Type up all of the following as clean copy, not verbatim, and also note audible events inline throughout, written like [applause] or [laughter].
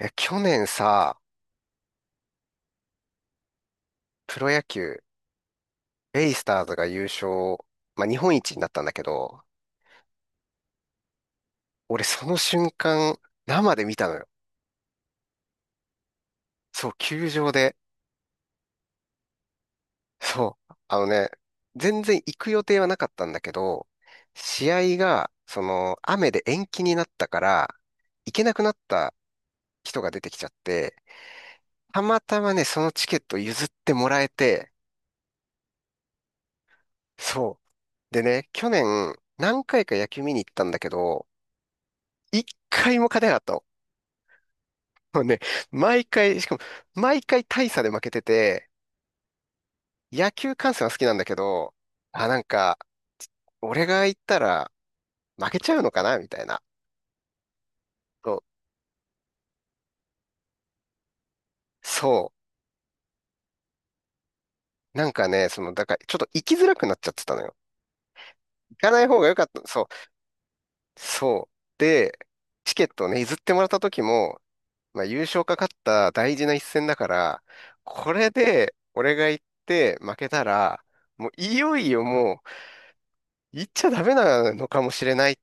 いや、去年さ、プロ野球、ベイスターズが優勝、まあ、日本一になったんだけど、俺その瞬間、生で見たのよ。そう、球場で。そう、全然行く予定はなかったんだけど、試合が、その、雨で延期になったから、行けなくなった人が出てきちゃって、たまたまね、そのチケット譲ってもらえて、そう。でね、去年、何回か野球見に行ったんだけど、一回も勝てなかった。もうね、毎回、しかも、毎回大差で負けてて、野球観戦は好きなんだけど、あ、なんか、俺が行ったら負けちゃうのかなみたいな。そう。そなんかね、その、だから、ちょっと行きづらくなっちゃってたのよ。行かない方が良かった。そう。そう。で、チケットをね、譲ってもらった時も、まあ、優勝かかった大事な一戦だから、これで、俺が行って負けたら、もういよいよもう、行っちゃダメなのかもしれないっ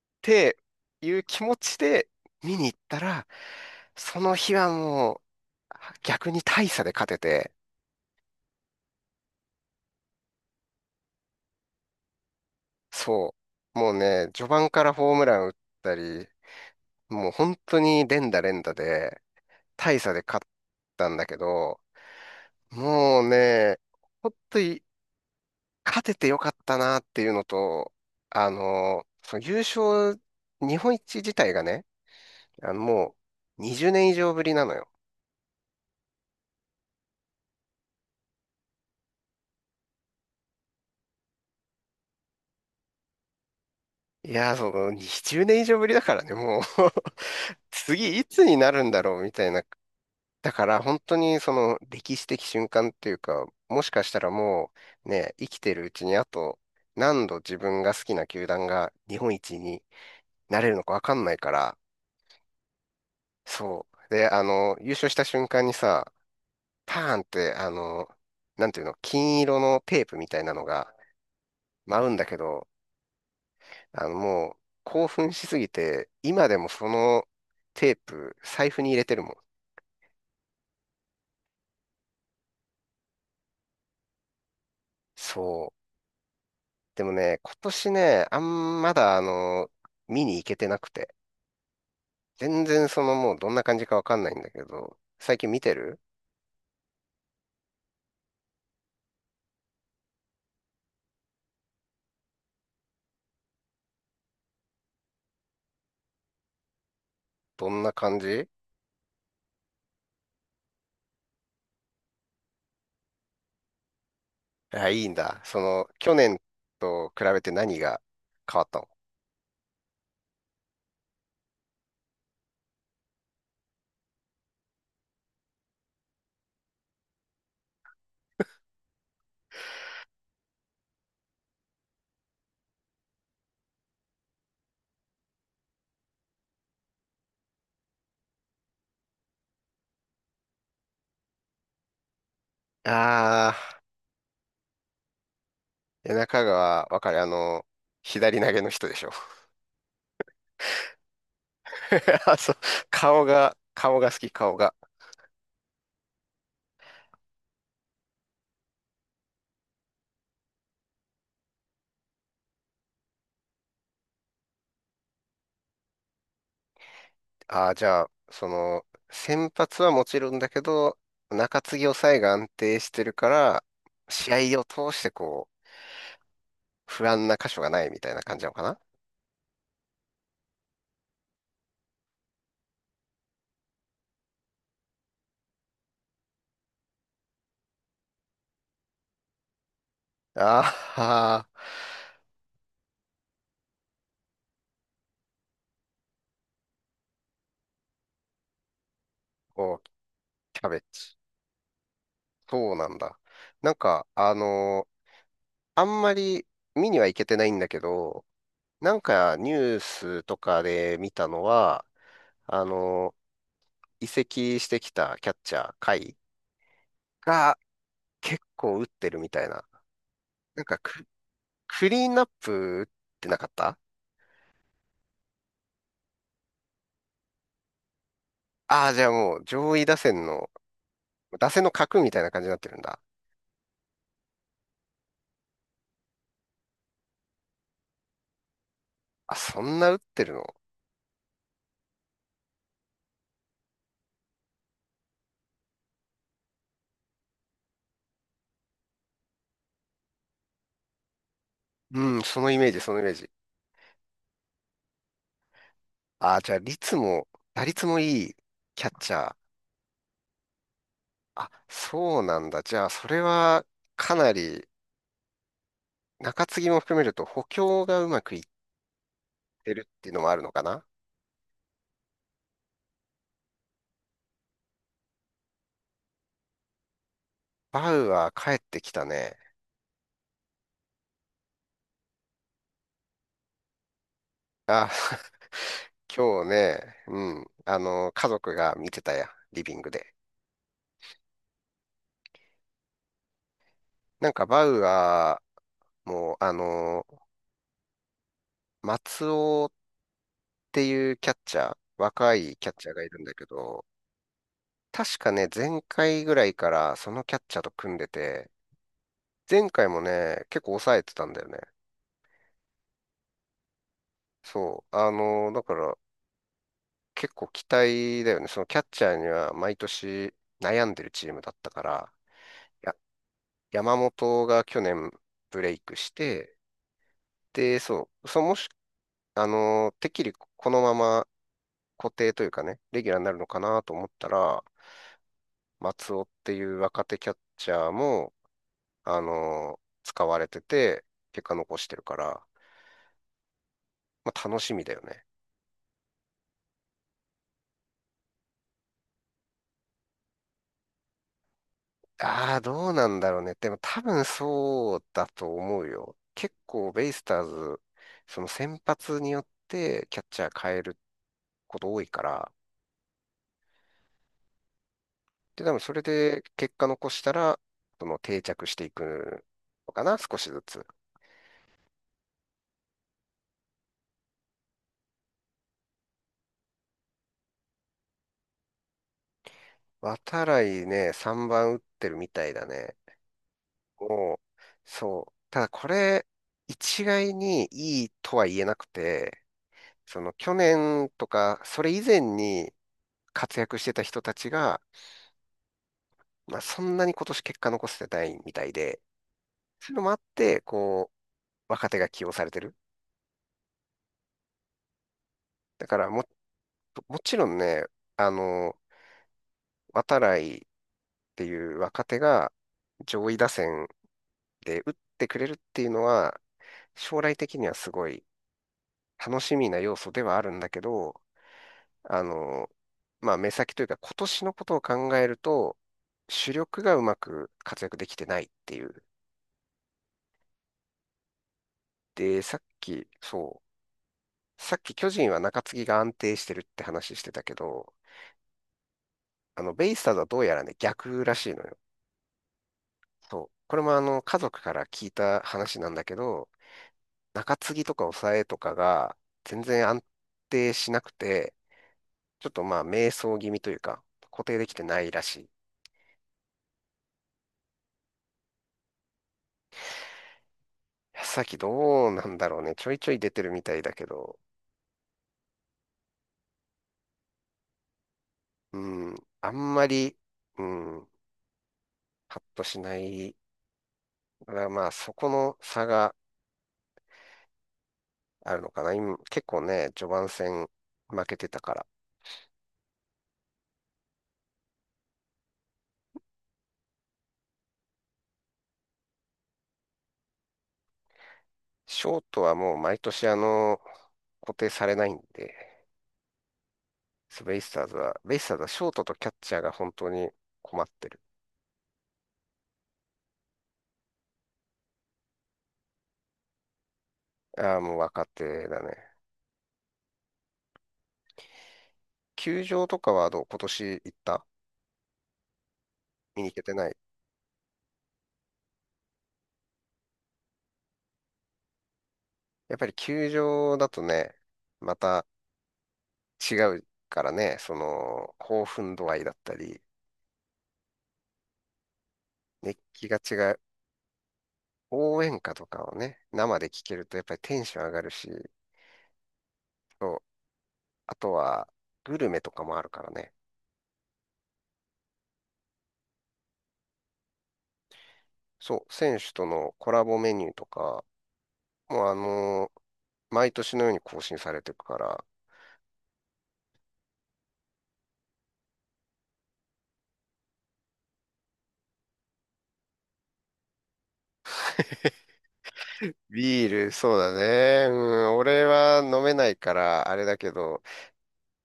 っていう気持ちで見に行ったら、その日はもう逆に大差で勝てて、そう。もうね、序盤からホームラン打ったり、もう本当に連打連打で大差で勝ったんだけど、もうね、本当に勝ててよかったなっていうのと、その優勝、日本一自体がね、もう20年以上ぶりなのよ。いやー、その20年以上ぶりだからね、もう次いつになるんだろうみたいな。だから本当にその歴史的瞬間っていうか、もしかしたらもうね、生きてるうちにあと何度自分が好きな球団が日本一になれるのかわかんないから、そう。で、優勝した瞬間にさ、パーンって、なんていうの、金色のテープみたいなのが舞うんだけど、もう興奮しすぎて、今でもそのテープ財布に入れてるもん。そう。でもね、今年ね、まだ見に行けてなくて。全然そのもうどんな感じかわかんないんだけど、最近見てるどんな感じ。あ、いいんだ。その、去年と比べて何が変わったの？あー、中川、わかる。左投げの人でしょ。[laughs] あ、そう、顔が好き、顔が。あー、じゃあ、その、先発はもちろんだけど、中継ぎ抑えが安定してるから、試合を通してこう、不安な箇所がないみたいな感じなのかな？ああ、おう、キャベツ。そうなんだ。なんか、あんまり見には行けてないんだけど、なんかニュースとかで見たのは、あのー移籍してきたキャッチャー、甲斐が結構打ってるみたいな。なんかク、クリーンナップ打ってなかった？ああー、じゃあもう上位打線の、打線の核みたいな感じになってるんだ。あ、そんな打ってるの？うん、そのイメージ。あ、じゃあ、打率もいいキャッチャー。あ、そうなんだ。じゃあ、それはかなり、中継ぎも含めると補強がうまくいってるっていうのもあるのかな？バウアー帰ってきたね。あ、[laughs] 今日ね、うん、あの、家族が見てたや、リビングで。なんかバウアーも、松尾っていうキャッチャー、若いキャッチャーがいるんだけど、確かね、前回ぐらいからそのキャッチャーと組んでて、前回もね、結構抑えてたんだよね。そう。だから結構期待だよね。そのキャッチャーには毎年悩んでるチームだったから、や、山本が去年ブレイクして、で、そう、そうもし、てっきりこのまま固定というかね、レギュラーになるのかなと思ったら、松尾っていう若手キャッチャーも、あのー使われてて、結果残してるから、まあ楽しみだよね。ああ、どうなんだろうね。でも多分そうだと思うよ。結構ベイスターズ、その先発によってキャッチャー変えること多いから、で、多分それで結果残したら、その定着していくのかな、少しずつ。渡来ね、3番打ってるみたいだね。もう、そう。ただこれ、一概にいいとは言えなくて、その去年とか、それ以前に活躍してた人たちが、まあ、そんなに今年結果残せてないみたいで、そういうのもあって、こう、若手が起用されてる。だからもっと、もちろんね、あの、渡来っていう若手が上位打線で打ってくれるっていうのは、将来的にはすごい楽しみな要素ではあるんだけど、あの、まあ、目先というか今年のことを考えると、主力がうまく活躍できてないっていう。で、さっき巨人は中継ぎが安定してるって話してたけど、あの、ベイスターズはどうやらね、逆らしいのよ。そう。これもあの、家族から聞いた話なんだけど、中継ぎとか抑えとかが全然安定しなくて、ちょっとまあ、迷走気味というか、固定できてないらしい。さっきどうなんだろうね。ちょいちょい出てるみたいだけど、うん、あんまり、うん、ハッとしない。だからまあ、そこの差があるのかな。今、結構ね、序盤戦負けてたから。ショートはもう毎年あの、固定されないんで、ベイスターズはショートとキャッチャーが本当に困ってる。ああ、もう若手だね。球場とかはどう今年行った？見に行けてない。やっぱり球場だとね、また違うからね、その、興奮度合いだったり、熱気が違う。応援歌とかをね、生で聞けるとやっぱりテンション上がるし、そうあとは、グルメとかもあるからね。そう、選手とのコラボメニューとか、もう毎年のように更新されていくから、ビール、そうだね。うん、俺は飲めないから、あれだけど、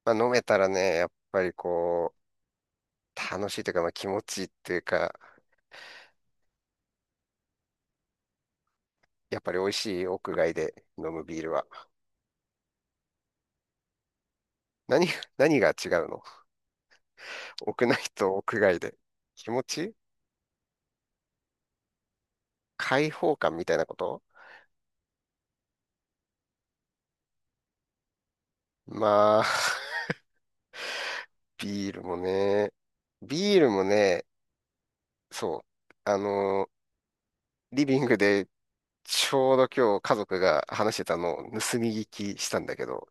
まあ、飲めたらね、やっぱりこう、楽しいというか、まあ、気持ちいいっていうか、やっぱり美味しい屋外で飲むビールは。何、[laughs] 何が違うの？ [laughs] 屋内と屋外で。気持ち解放感みたいなこと？まあ、ビールもね、ビールもね、そう、あのー、リビングでちょうど今日家族が話してたのを盗み聞きしたんだけど、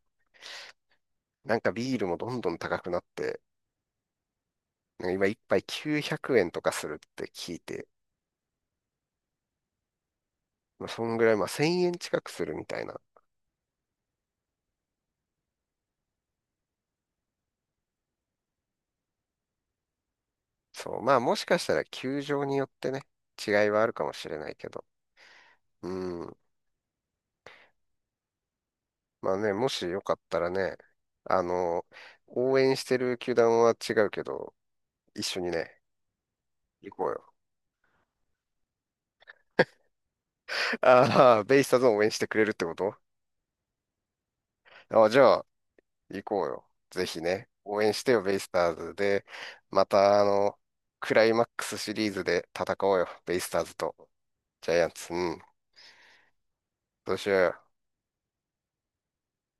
なんかビールもどんどん高くなって、なんか今一杯900円とかするって聞いて、まあ、そんぐらい、まあ1000円近くするみたいな。そう、まあもしかしたら球場によってね、違いはあるかもしれないけど、うん。まあね、もしよかったらね、あのー、応援してる球団は違うけど、一緒にね、行こうよ。ああ、ベイスターズを応援してくれるってこと？あじゃあ、行こうよ。ぜひね。応援してよ、ベイスターズで。また、あの、クライマックスシリーズで戦おうよ。ベイスターズとジャイアンツ。うん。どうしようよ。